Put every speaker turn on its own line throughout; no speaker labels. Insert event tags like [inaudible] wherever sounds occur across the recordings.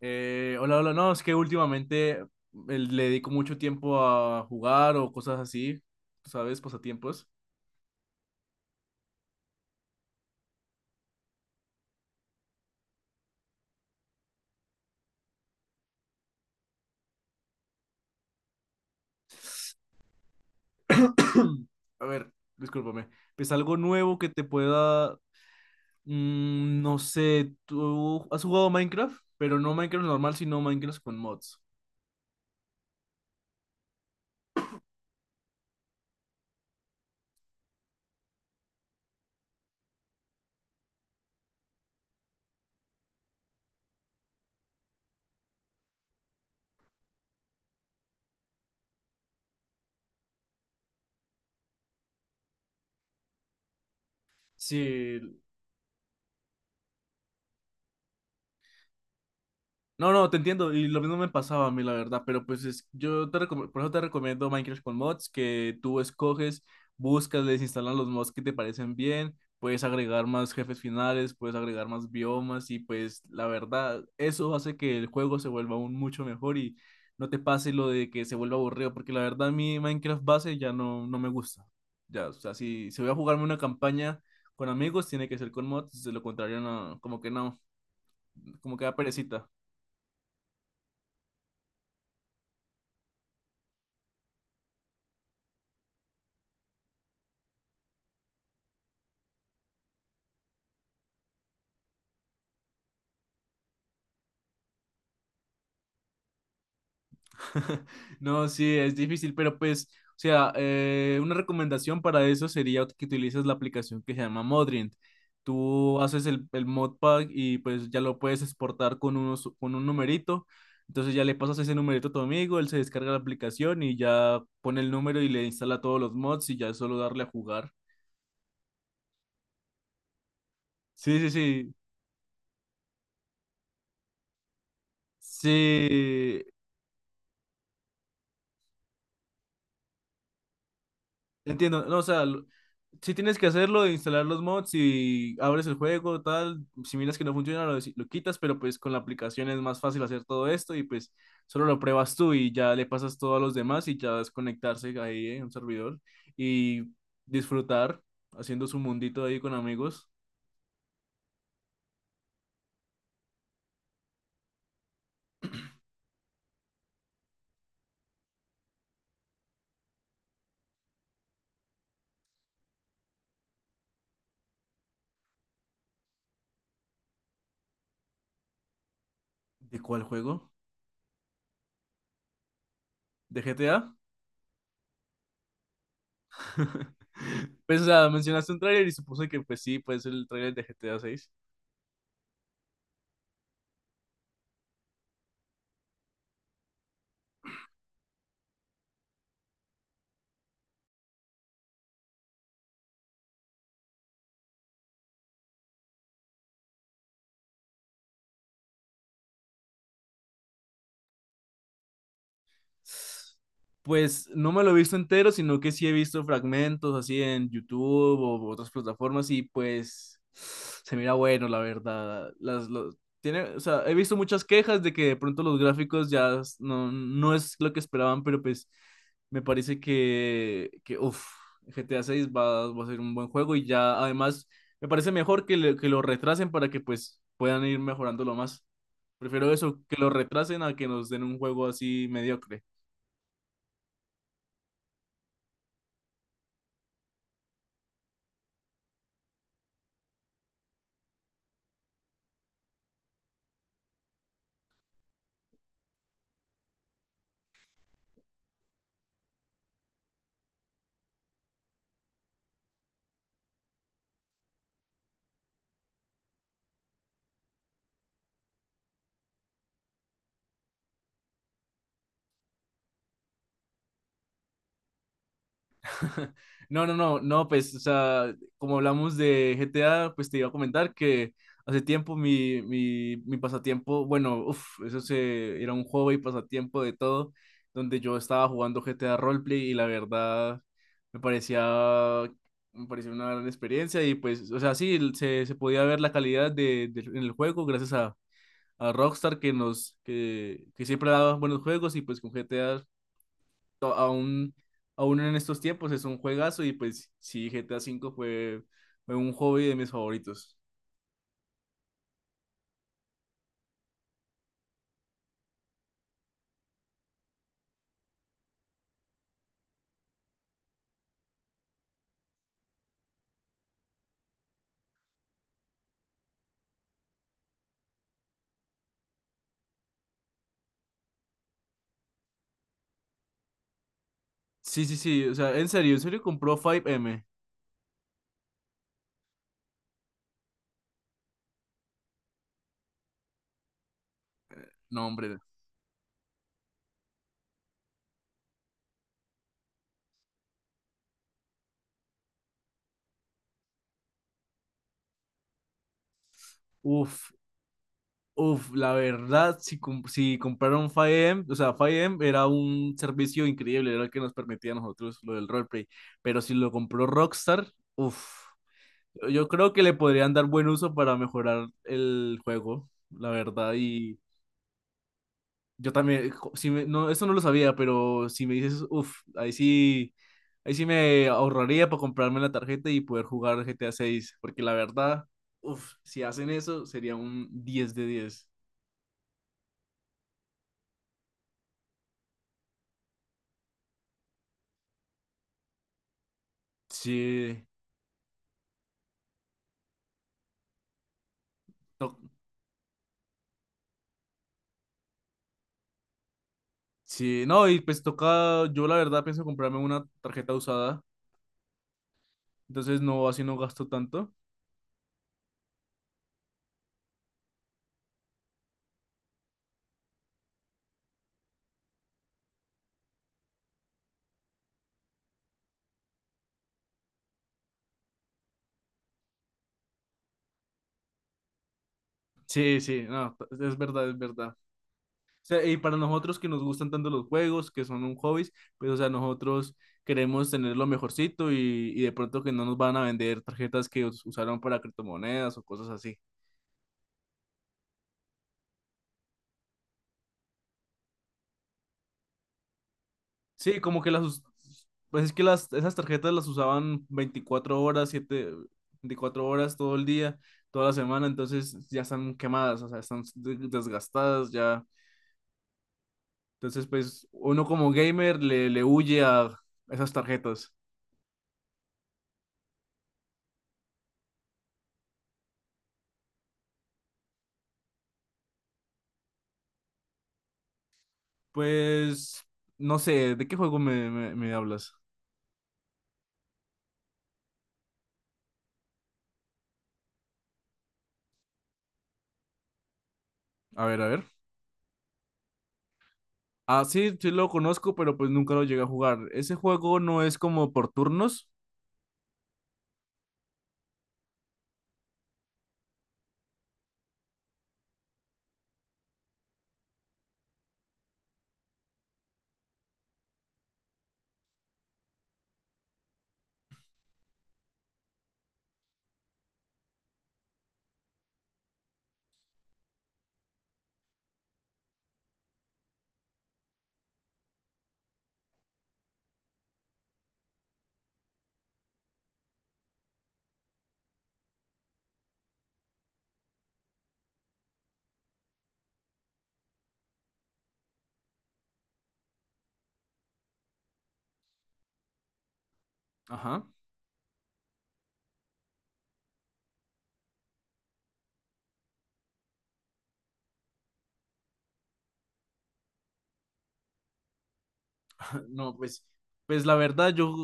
Hola, hola, no, es que últimamente le dedico mucho tiempo a jugar o cosas así, ¿sabes? Pasatiempos. [clears throat] A ver, discúlpame. Pues algo nuevo que te pueda, no sé, tú has jugado Minecraft, pero no Minecraft normal, sino Minecraft con mods. Sí. No, no, te entiendo, y lo mismo me pasaba a mí, la verdad, pero pues es, por eso te recomiendo Minecraft con mods, que tú escoges, buscas, les instalas los mods que te parecen bien, puedes agregar más jefes finales, puedes agregar más biomas, y pues la verdad, eso hace que el juego se vuelva aún mucho mejor y no te pase lo de que se vuelva aburrido, porque la verdad mi Minecraft base ya no, no me gusta. Ya, o sea, si voy a jugarme una campaña con amigos, tiene que ser con mods, de lo contrario, no, como que no, como que da perecita. [laughs] No, sí, es difícil, pero pues, o sea, una recomendación para eso sería que utilices la aplicación que se llama Modrient. Tú haces el modpack y pues ya lo puedes exportar con, unos, con un numerito. Entonces ya le pasas ese numerito a tu amigo, él se descarga la aplicación y ya pone el número y le instala todos los mods y ya es solo darle a jugar. Sí, sí, sí. Sí. Entiendo, no, o sea, si tienes que hacerlo, de instalar los mods y abres el juego, tal, si miras que no funciona, lo quitas, pero pues con la aplicación es más fácil hacer todo esto y pues solo lo pruebas tú y ya le pasas todo a los demás y ya es conectarse ahí en un servidor y disfrutar haciendo su mundito ahí con amigos. ¿De cuál juego? ¿De GTA? [laughs] Pues, o sea, mencionaste un tráiler y supuse que pues sí, pues el tráiler de GTA 6. Pues no me lo he visto entero, sino que sí he visto fragmentos así en YouTube o otras plataformas y pues se mira bueno, la verdad. Tiene, o sea, he visto muchas quejas de que de pronto los gráficos ya no, no es lo que esperaban, pero pues me parece que uff, GTA 6 va a ser un buen juego y ya además me parece mejor que, que lo retrasen para que pues puedan ir mejorándolo más. Prefiero eso, que lo retrasen a que nos den un juego así mediocre. [laughs] No, no, no, no, pues, o sea, como hablamos de GTA, pues te iba a comentar que hace tiempo mi pasatiempo, bueno, uff, eso se, era un juego y pasatiempo de todo, donde yo estaba jugando GTA Roleplay y la verdad me parecía, me parecía una gran experiencia y pues, o sea, sí, se podía ver la calidad en el juego gracias a Rockstar que nos, que siempre daba buenos juegos y pues con GTA aún, aún en estos tiempos es un juegazo y pues sí, GTA 5 V fue, fue un hobby de mis favoritos. Sí, sí, sí, o sea, en serio compró 5M. No, hombre. Uf, uf, la verdad, si, si compraron 5M, o sea, 5M era un servicio increíble, era el que nos permitía a nosotros lo del roleplay, pero si lo compró Rockstar, uf, yo creo que le podrían dar buen uso para mejorar el juego, la verdad, y... Yo también, no, eso no lo sabía, pero si me dices, uff, ahí sí me ahorraría para comprarme la tarjeta y poder jugar GTA 6 6 porque la verdad, uff, si hacen eso sería un 10 de 10. Sí, to- sí, no, y pues toca, yo la verdad pienso comprarme una tarjeta usada, entonces no, así no gasto tanto. Sí, sí, no, es verdad, es verdad. Sea, y para nosotros que nos gustan tanto los juegos, que son un hobby, pues, o sea, nosotros queremos tener lo mejorcito y de pronto que no nos van a vender tarjetas que usaron para criptomonedas o cosas así. Sí, como que pues es que las, esas tarjetas las usaban 24 horas, 7 24 horas todo el día, toda la semana, entonces ya están quemadas, o sea, están desgastadas ya. Entonces, pues uno como gamer le huye a esas tarjetas. Pues no sé, ¿de qué juego me hablas? A ver, a ver. Ah, sí, sí lo conozco, pero pues nunca lo llegué a jugar. Ese juego no es como por turnos. Ajá. [laughs] No, pues, pues la verdad, yo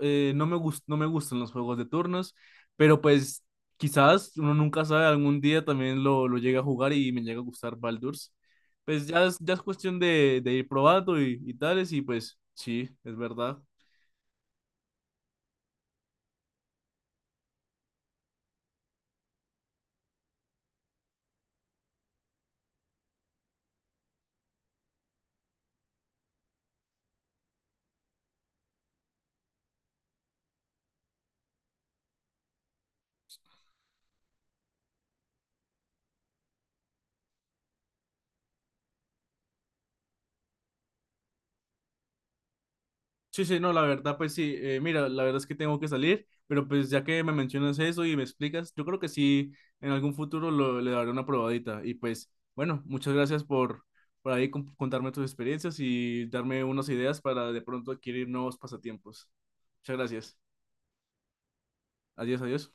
no me gustan los juegos de turnos, pero pues quizás uno nunca sabe, algún día también lo llegue a jugar y me llega a gustar Baldur's. Pues ya es cuestión de ir probando y tales, y pues sí, es verdad. Sí, sí, no, la verdad, pues sí, mira, la verdad es que tengo que salir, pero pues ya que me mencionas eso y me explicas, yo creo que sí, en algún futuro le daré una probadita. Y pues, bueno, muchas gracias por ahí contarme tus experiencias y darme unas ideas para de pronto adquirir nuevos pasatiempos. Muchas gracias. Adiós, adiós.